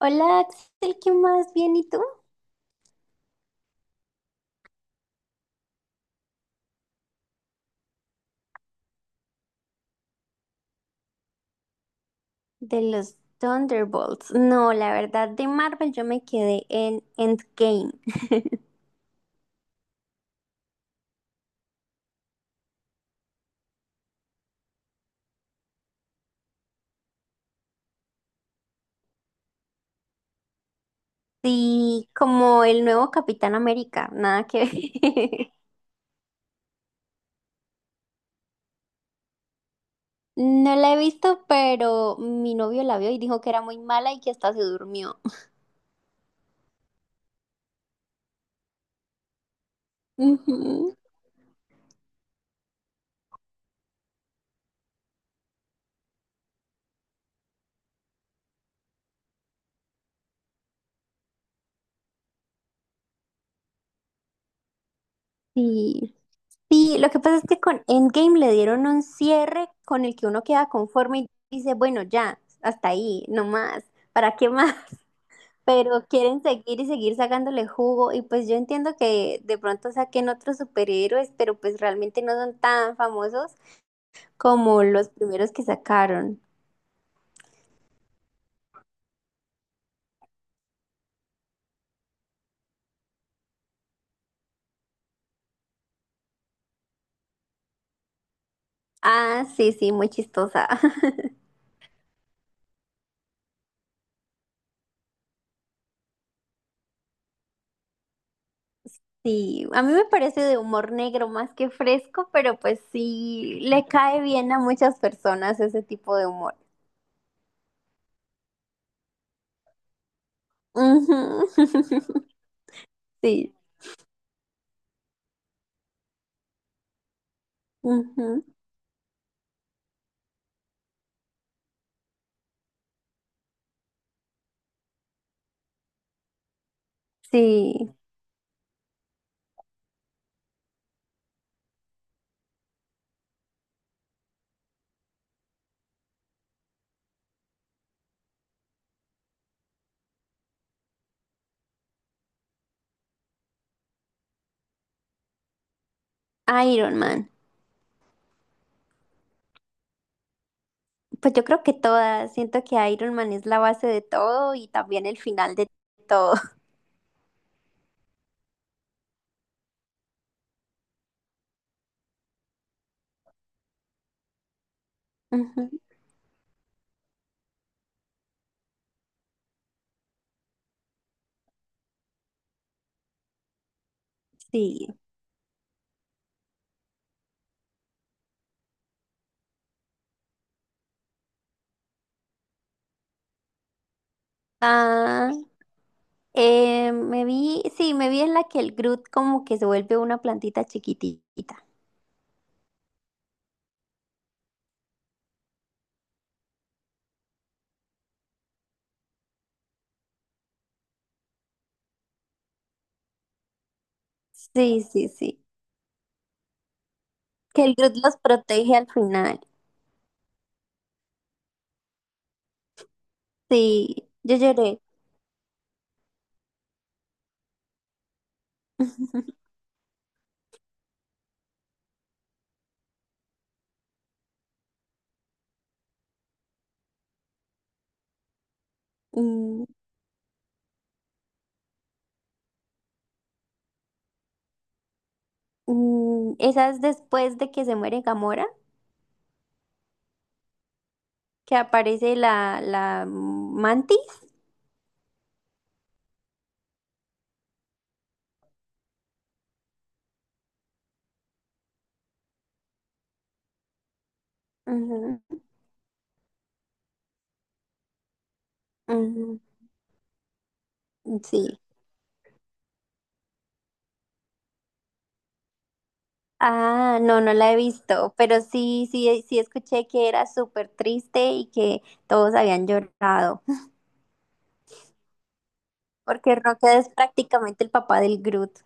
Hola, Axel, ¿qué más? Bien, ¿y tú? De los Thunderbolts. No, la verdad, de Marvel yo me quedé en Endgame. Sí, como el nuevo Capitán América, nada que ver. No la he visto, pero mi novio la vio y dijo que era muy mala y que hasta se durmió. Ujú. Sí. Sí, lo que pasa es que con Endgame le dieron un cierre con el que uno queda conforme y dice, bueno, ya, hasta ahí, no más, ¿para qué más? Pero quieren seguir y seguir sacándole jugo y pues yo entiendo que de pronto saquen otros superhéroes, pero pues realmente no son tan famosos como los primeros que sacaron. Ah, sí, sí, muy chistosa. Sí, a mí me parece de humor negro más que fresco, pero pues sí, le cae bien a muchas personas ese tipo de humor. Ujú. Sí, ujú. Sí, Iron Man. Pues yo creo que todas, siento que Iron Man es la base de todo y también el final de todo. Ujú, sí. Ah, me vi, sí, me vi en la que el Groot como que se vuelve una plantita chiquitita. Sí, sí, sí. Que el Groot los protege al final. Sí, yo lloré. Mm, mm, esa es después de que se muere Gamora, que aparece la mantis. Ujú, ujú, sí. Ah, no, no la he visto, pero sí, sí, sí escuché que era súper triste y que todos habían llorado, porque Rocket es prácticamente el papá del Groot.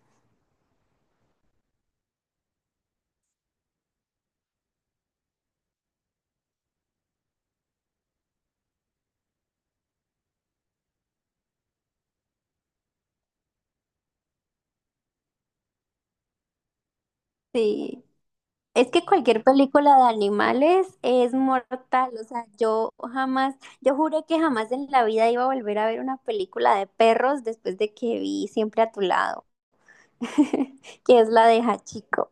Sí, es que cualquier película de animales es mortal, o sea, yo jamás, yo juré que jamás en la vida iba a volver a ver una película de perros después de que vi Siempre a tu lado, que es la de Hachiko.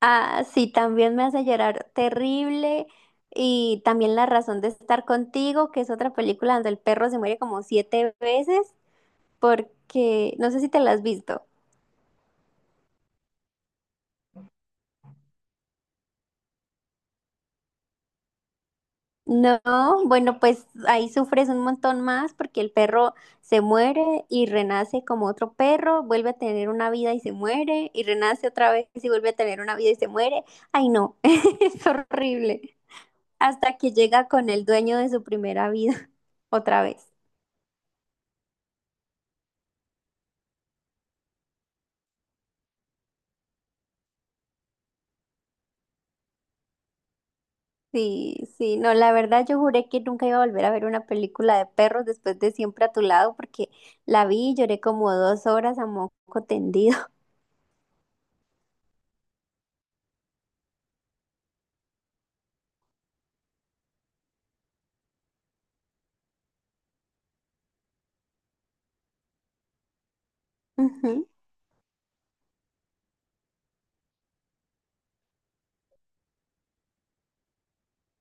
Ah, sí, también me hace llorar terrible. Y también La razón de estar contigo, que es otra película donde el perro se muere como 7 veces, porque no sé si te la has visto. No, bueno, pues ahí sufres un montón más porque el perro se muere y renace como otro perro, vuelve a tener una vida y se muere, y renace otra vez y vuelve a tener una vida y se muere. Ay, no, es horrible. Hasta que llega con el dueño de su primera vida otra vez. Sí, sí, no, la verdad yo juré que nunca iba a volver a ver una película de perros después de Siempre a tu lado porque la vi y lloré como 2 horas a moco tendido. Ujú.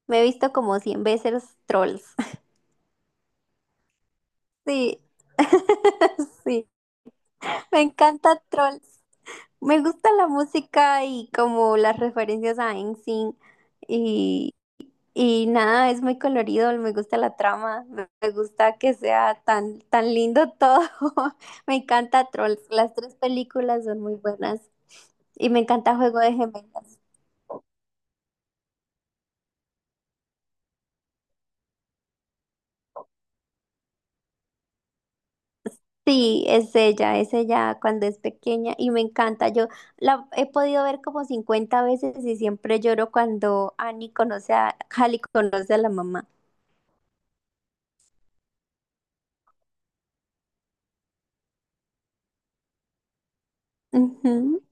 Me he visto como 100 veces los Trolls. Sí, sí, me encanta Trolls. Me gusta la música y como las referencias a Einstein. Y nada, es muy colorido, me gusta la trama, me gusta que sea tan, tan lindo todo. Me encanta Trolls, las 3 películas son muy buenas. Y me encanta Juego de Gemelas. Sí, es ella cuando es pequeña y me encanta. Yo la he podido ver como 50 veces y siempre lloro cuando Annie conoce a, Hallie conoce a la mamá. Ujú.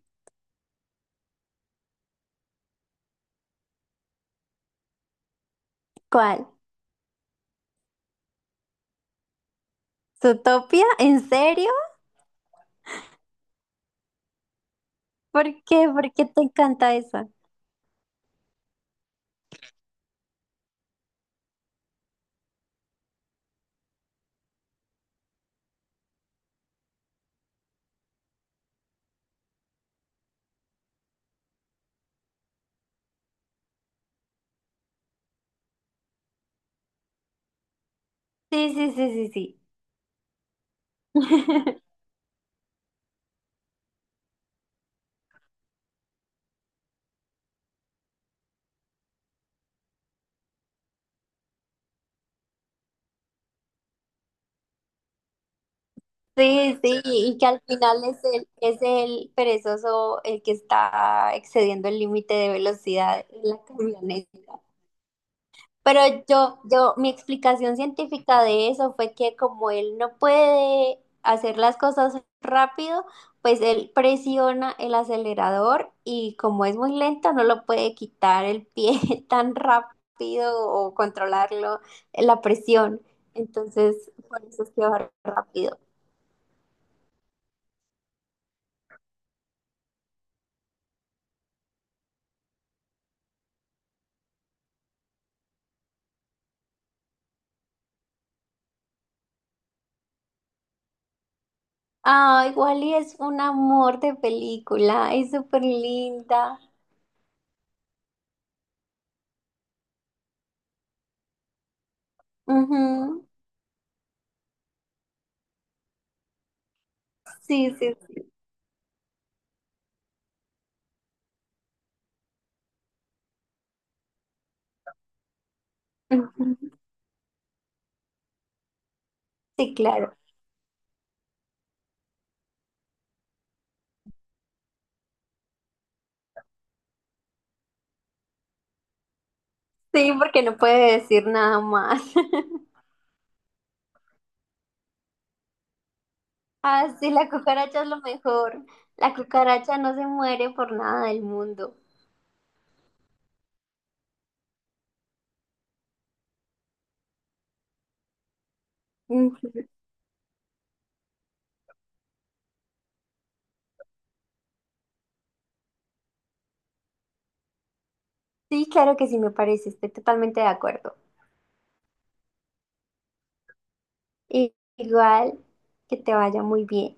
¿Cuál? ¿Zootopia? ¿En serio? ¿Por qué? ¿Por qué te encanta esa? Sí, sí, sí, sí, sí. Sí, sí, y que al final es el perezoso el que está excediendo el límite de velocidad en la camioneta. Pero yo, mi explicación científica de eso fue que como él no puede hacer las cosas rápido, pues él presiona el acelerador y como es muy lento, no lo puede quitar el pie tan rápido o controlarlo, la presión. Entonces, por eso es que va rápido. Ay, Wally es un amor de película, es súper linda. Ujú, sí, sí, sí. Ujú, sí, claro. Sí, porque no puede decir nada más. Ah, sí, la cucaracha es lo mejor. La cucaracha no se muere por nada del mundo. Ujú. Sí, claro que sí, me parece, estoy totalmente de acuerdo. Y- igual, que te vaya muy bien.